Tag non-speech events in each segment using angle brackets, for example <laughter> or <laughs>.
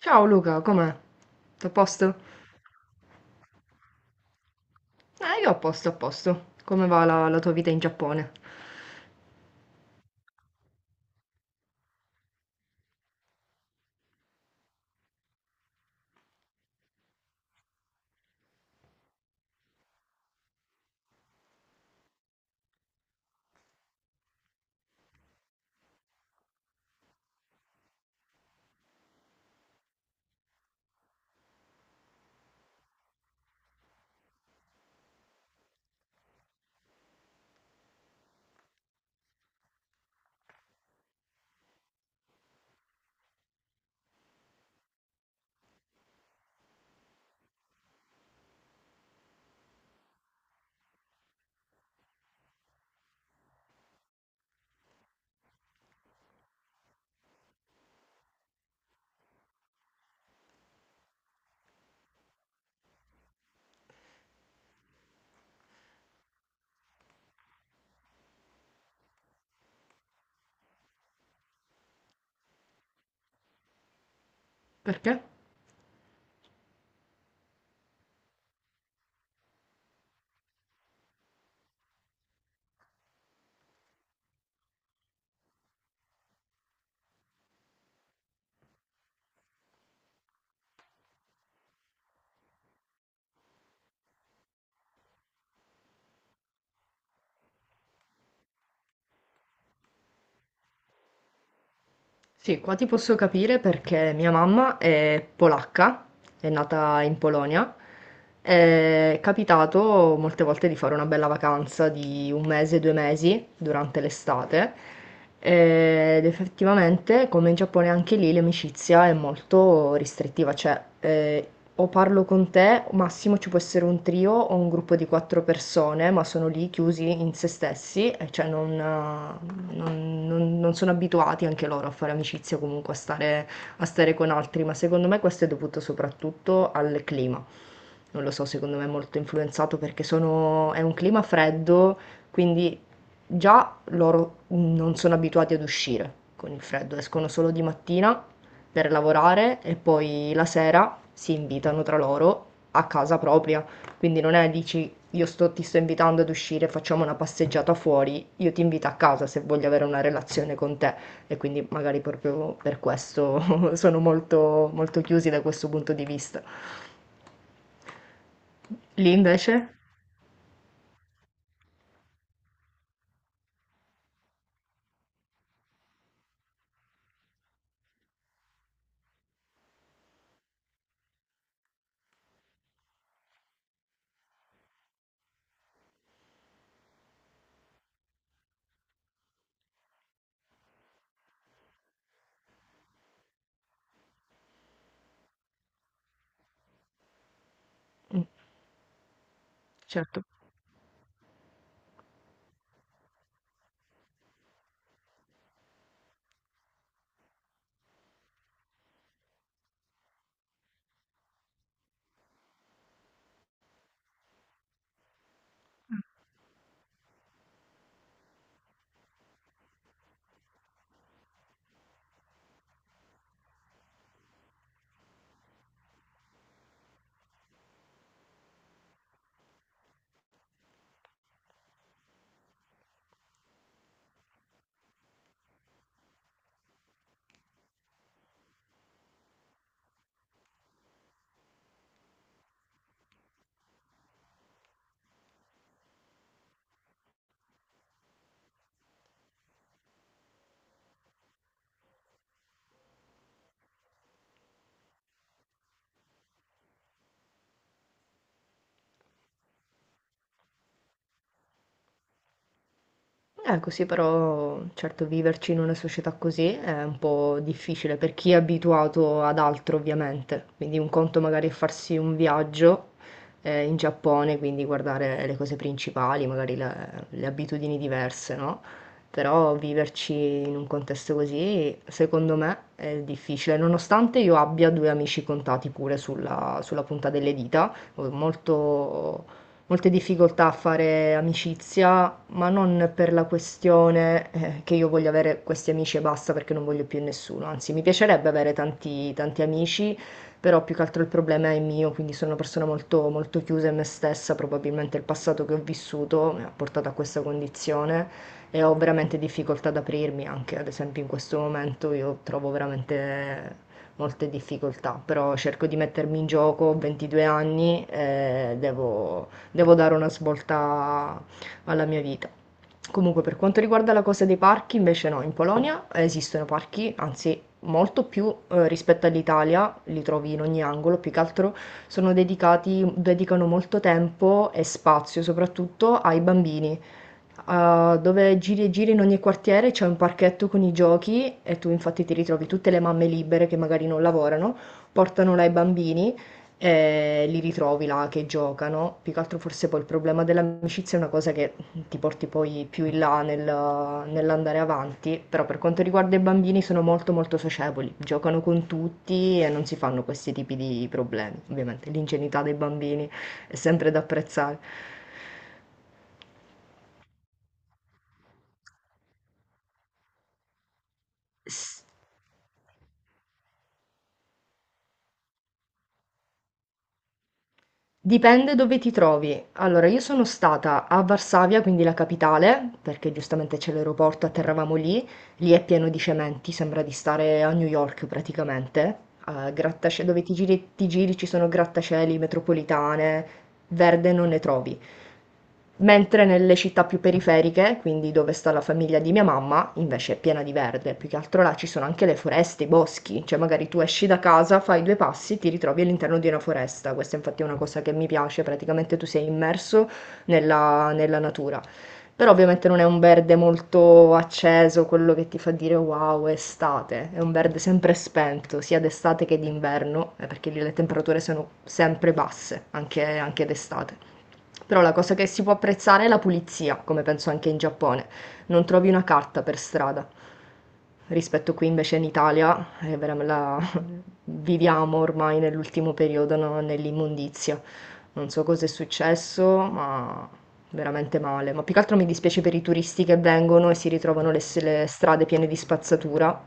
Ciao Luca, com'è? Tutto a posto? Io a posto, a posto. Come va la tua vita in Giappone? Perché? Sì, qua ti posso capire perché mia mamma è polacca, è nata in Polonia. È capitato molte volte di fare una bella vacanza di un mese, due mesi durante l'estate. Ed effettivamente, come in Giappone, anche lì l'amicizia è molto restrittiva, cioè o parlo con te, massimo ci può essere un trio o un gruppo di quattro persone, ma sono lì chiusi in se stessi, e cioè non sono abituati anche loro a fare amicizia, comunque a stare con altri, ma secondo me questo è dovuto soprattutto al clima. Non lo so, secondo me è molto influenzato perché è un clima freddo, quindi già loro non sono abituati ad uscire con il freddo, escono solo di mattina per lavorare e poi la sera si invitano tra loro a casa propria. Quindi non è, dici, ti sto invitando ad uscire, facciamo una passeggiata fuori, io ti invito a casa se voglio avere una relazione con te. E quindi magari proprio per questo <laughs> sono molto, molto chiusi da questo punto di vista. Lì invece? Mm. Certo. Così però, certo, viverci in una società così è un po' difficile per chi è abituato ad altro, ovviamente. Quindi un conto magari è farsi un viaggio in Giappone, quindi guardare le cose principali, magari le abitudini diverse, no? Però viverci in un contesto così, secondo me, è difficile, nonostante io abbia due amici contati pure sulla punta delle dita, ho molte difficoltà a fare amicizia ma non per la questione, che io voglio avere questi amici e basta perché non voglio più nessuno. Anzi, mi piacerebbe avere tanti, tanti amici, però più che altro il problema è mio, quindi sono una persona molto, molto chiusa in me stessa, probabilmente il passato che ho vissuto mi ha portato a questa condizione e ho veramente difficoltà ad aprirmi anche, ad esempio in questo momento io trovo veramente molte difficoltà, però cerco di mettermi in gioco, ho 22 anni e devo dare una svolta alla mia vita. Comunque, per quanto riguarda la cosa dei parchi, invece no, in Polonia esistono parchi, anzi molto più rispetto all'Italia, li trovi in ogni angolo, più che altro sono dedicano molto tempo e spazio soprattutto ai bambini, dove giri e giri in ogni quartiere c'è un parchetto con i giochi e tu infatti ti ritrovi tutte le mamme libere che magari non lavorano, portano là i bambini e li ritrovi là che giocano. Più che altro forse poi il problema dell'amicizia è una cosa che ti porti poi più in là nell'andare avanti, però per quanto riguarda i bambini sono molto molto socievoli, giocano con tutti e non si fanno questi tipi di problemi. Ovviamente l'ingenuità dei bambini è sempre da apprezzare. S Dipende dove ti trovi. Allora, io sono stata a Varsavia, quindi la capitale, perché giustamente c'è l'aeroporto, atterravamo lì. Lì è pieno di cementi, sembra di stare a New York praticamente. Dove ti giri ci sono grattacieli, metropolitane, verde non ne trovi. Mentre nelle città più periferiche, quindi dove sta la famiglia di mia mamma, invece è piena di verde, più che altro là ci sono anche le foreste, i boschi, cioè magari tu esci da casa, fai due passi, ti ritrovi all'interno di una foresta, questa infatti è una cosa che mi piace, praticamente tu sei immerso nella natura. Però ovviamente non è un verde molto acceso, quello che ti fa dire wow, è estate, è un verde sempre spento, sia d'estate che d'inverno, perché lì le temperature sono sempre basse, anche d'estate. Però la cosa che si può apprezzare è la pulizia, come penso anche in Giappone. Non trovi una carta per strada. Rispetto qui invece in Italia. Viviamo ormai nell'ultimo periodo, no, nell'immondizia. Non so cosa è successo, ma veramente male. Ma più che altro mi dispiace per i turisti che vengono e si ritrovano le strade piene di spazzatura.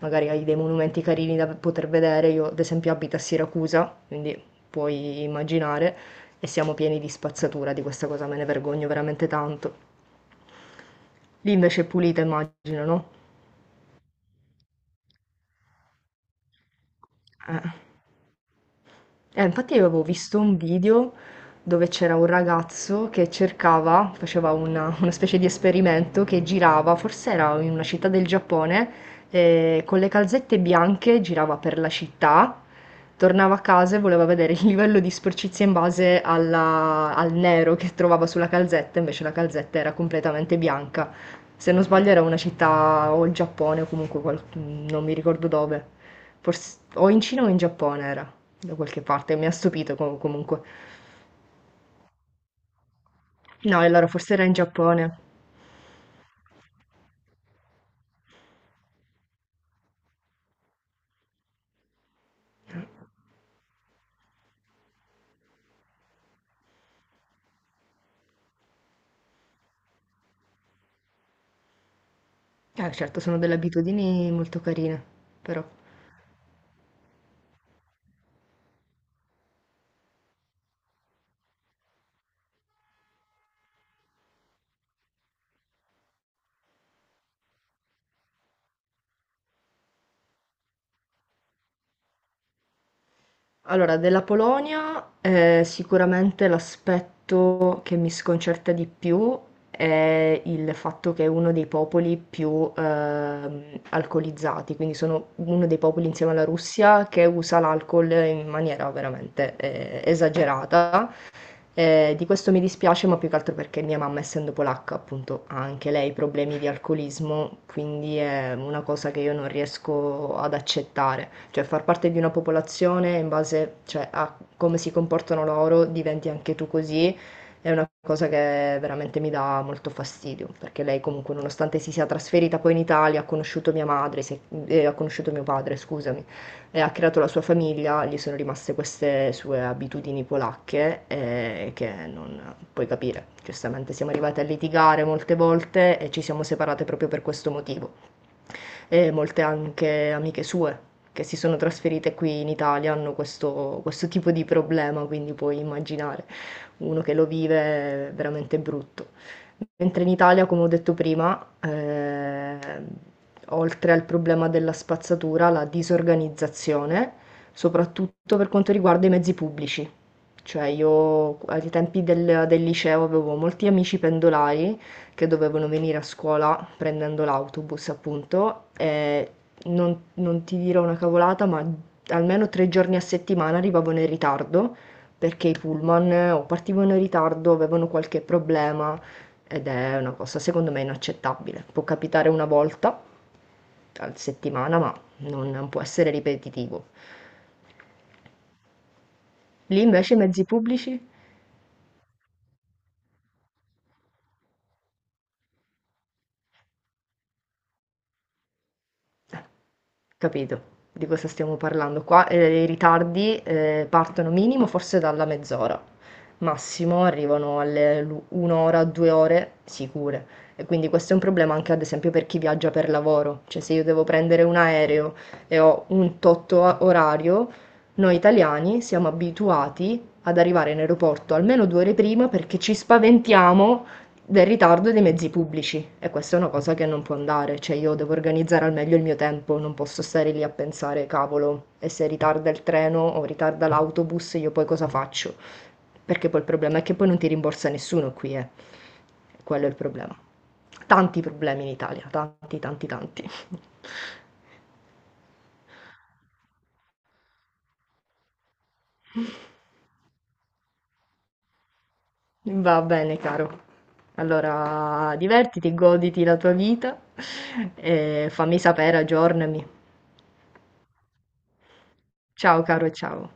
Magari hai dei monumenti carini da poter vedere. Io, ad esempio, abito a Siracusa, quindi puoi immaginare, e siamo pieni di spazzatura. Di questa cosa me ne vergogno veramente tanto. Lì invece è pulita, immagino, no? Eh. Infatti avevo visto un video dove c'era un ragazzo che cercava, faceva una specie di esperimento che girava, forse era in una città del Giappone, con le calzette bianche girava per la città, tornava a casa e voleva vedere il livello di sporcizia in base al nero che trovava sulla calzetta, invece la calzetta era completamente bianca. Se non sbaglio era una città o il Giappone o comunque non mi ricordo dove, forse o in Cina o in Giappone era. Da qualche parte, mi ha stupito comunque. No, e allora forse era in Giappone. Certo, sono delle abitudini molto carine, però. Allora, della Polonia, sicuramente l'aspetto che mi sconcerta di più è il fatto che è uno dei popoli più alcolizzati, quindi sono uno dei popoli insieme alla Russia che usa l'alcol in maniera veramente esagerata. Di questo mi dispiace, ma più che altro perché mia mamma, essendo polacca, appunto, ha anche lei problemi di alcolismo, quindi è una cosa che io non riesco ad accettare. Cioè, far parte di una popolazione in base, cioè, a come si comportano loro, diventi anche tu così, è una cosa che veramente mi dà molto fastidio, perché lei comunque, nonostante si sia trasferita poi in Italia, ha conosciuto mia madre, ha conosciuto mio padre, scusami, e ha creato la sua famiglia, gli sono rimaste queste sue abitudini polacche che non puoi capire. Giustamente siamo arrivati a litigare molte volte e ci siamo separate proprio per questo motivo e molte anche amiche sue che si sono trasferite qui in Italia hanno questo tipo di problema, quindi puoi immaginare uno che lo vive è veramente brutto. Mentre in Italia, come ho detto prima, oltre al problema della spazzatura, la disorganizzazione, soprattutto per quanto riguarda i mezzi pubblici. Cioè io ai tempi del liceo avevo molti amici pendolari che dovevano venire a scuola prendendo l'autobus, appunto, e non ti dirò una cavolata, ma almeno tre giorni a settimana arrivavano in ritardo perché i pullman o partivano in ritardo, avevano qualche problema ed è una cosa secondo me inaccettabile. Può capitare una volta a settimana, ma non può essere ripetitivo. Lì invece i mezzi pubblici? Eh. Capito, di cosa stiamo parlando. Qua, i ritardi, partono minimo forse dalla mezz'ora, massimo arrivano alle l'u 1 ora, 2 ore sicure. E quindi questo è un problema anche ad esempio per chi viaggia per lavoro, cioè se io devo prendere un aereo e ho un tot o orario, noi italiani siamo abituati ad arrivare in aeroporto almeno 2 ore prima perché ci spaventiamo del ritardo dei mezzi pubblici e questa è una cosa che non può andare, cioè io devo organizzare al meglio il mio tempo, non posso stare lì a pensare, cavolo, e se ritarda il treno o ritarda l'autobus, io poi cosa faccio? Perché poi il problema è che poi non ti rimborsa nessuno qui, eh. Quello è il problema. Tanti problemi in Italia, tanti, tanti, tanti. Va bene, caro. Allora, divertiti, goditi la tua vita e fammi sapere, aggiornami. Ciao, caro, ciao.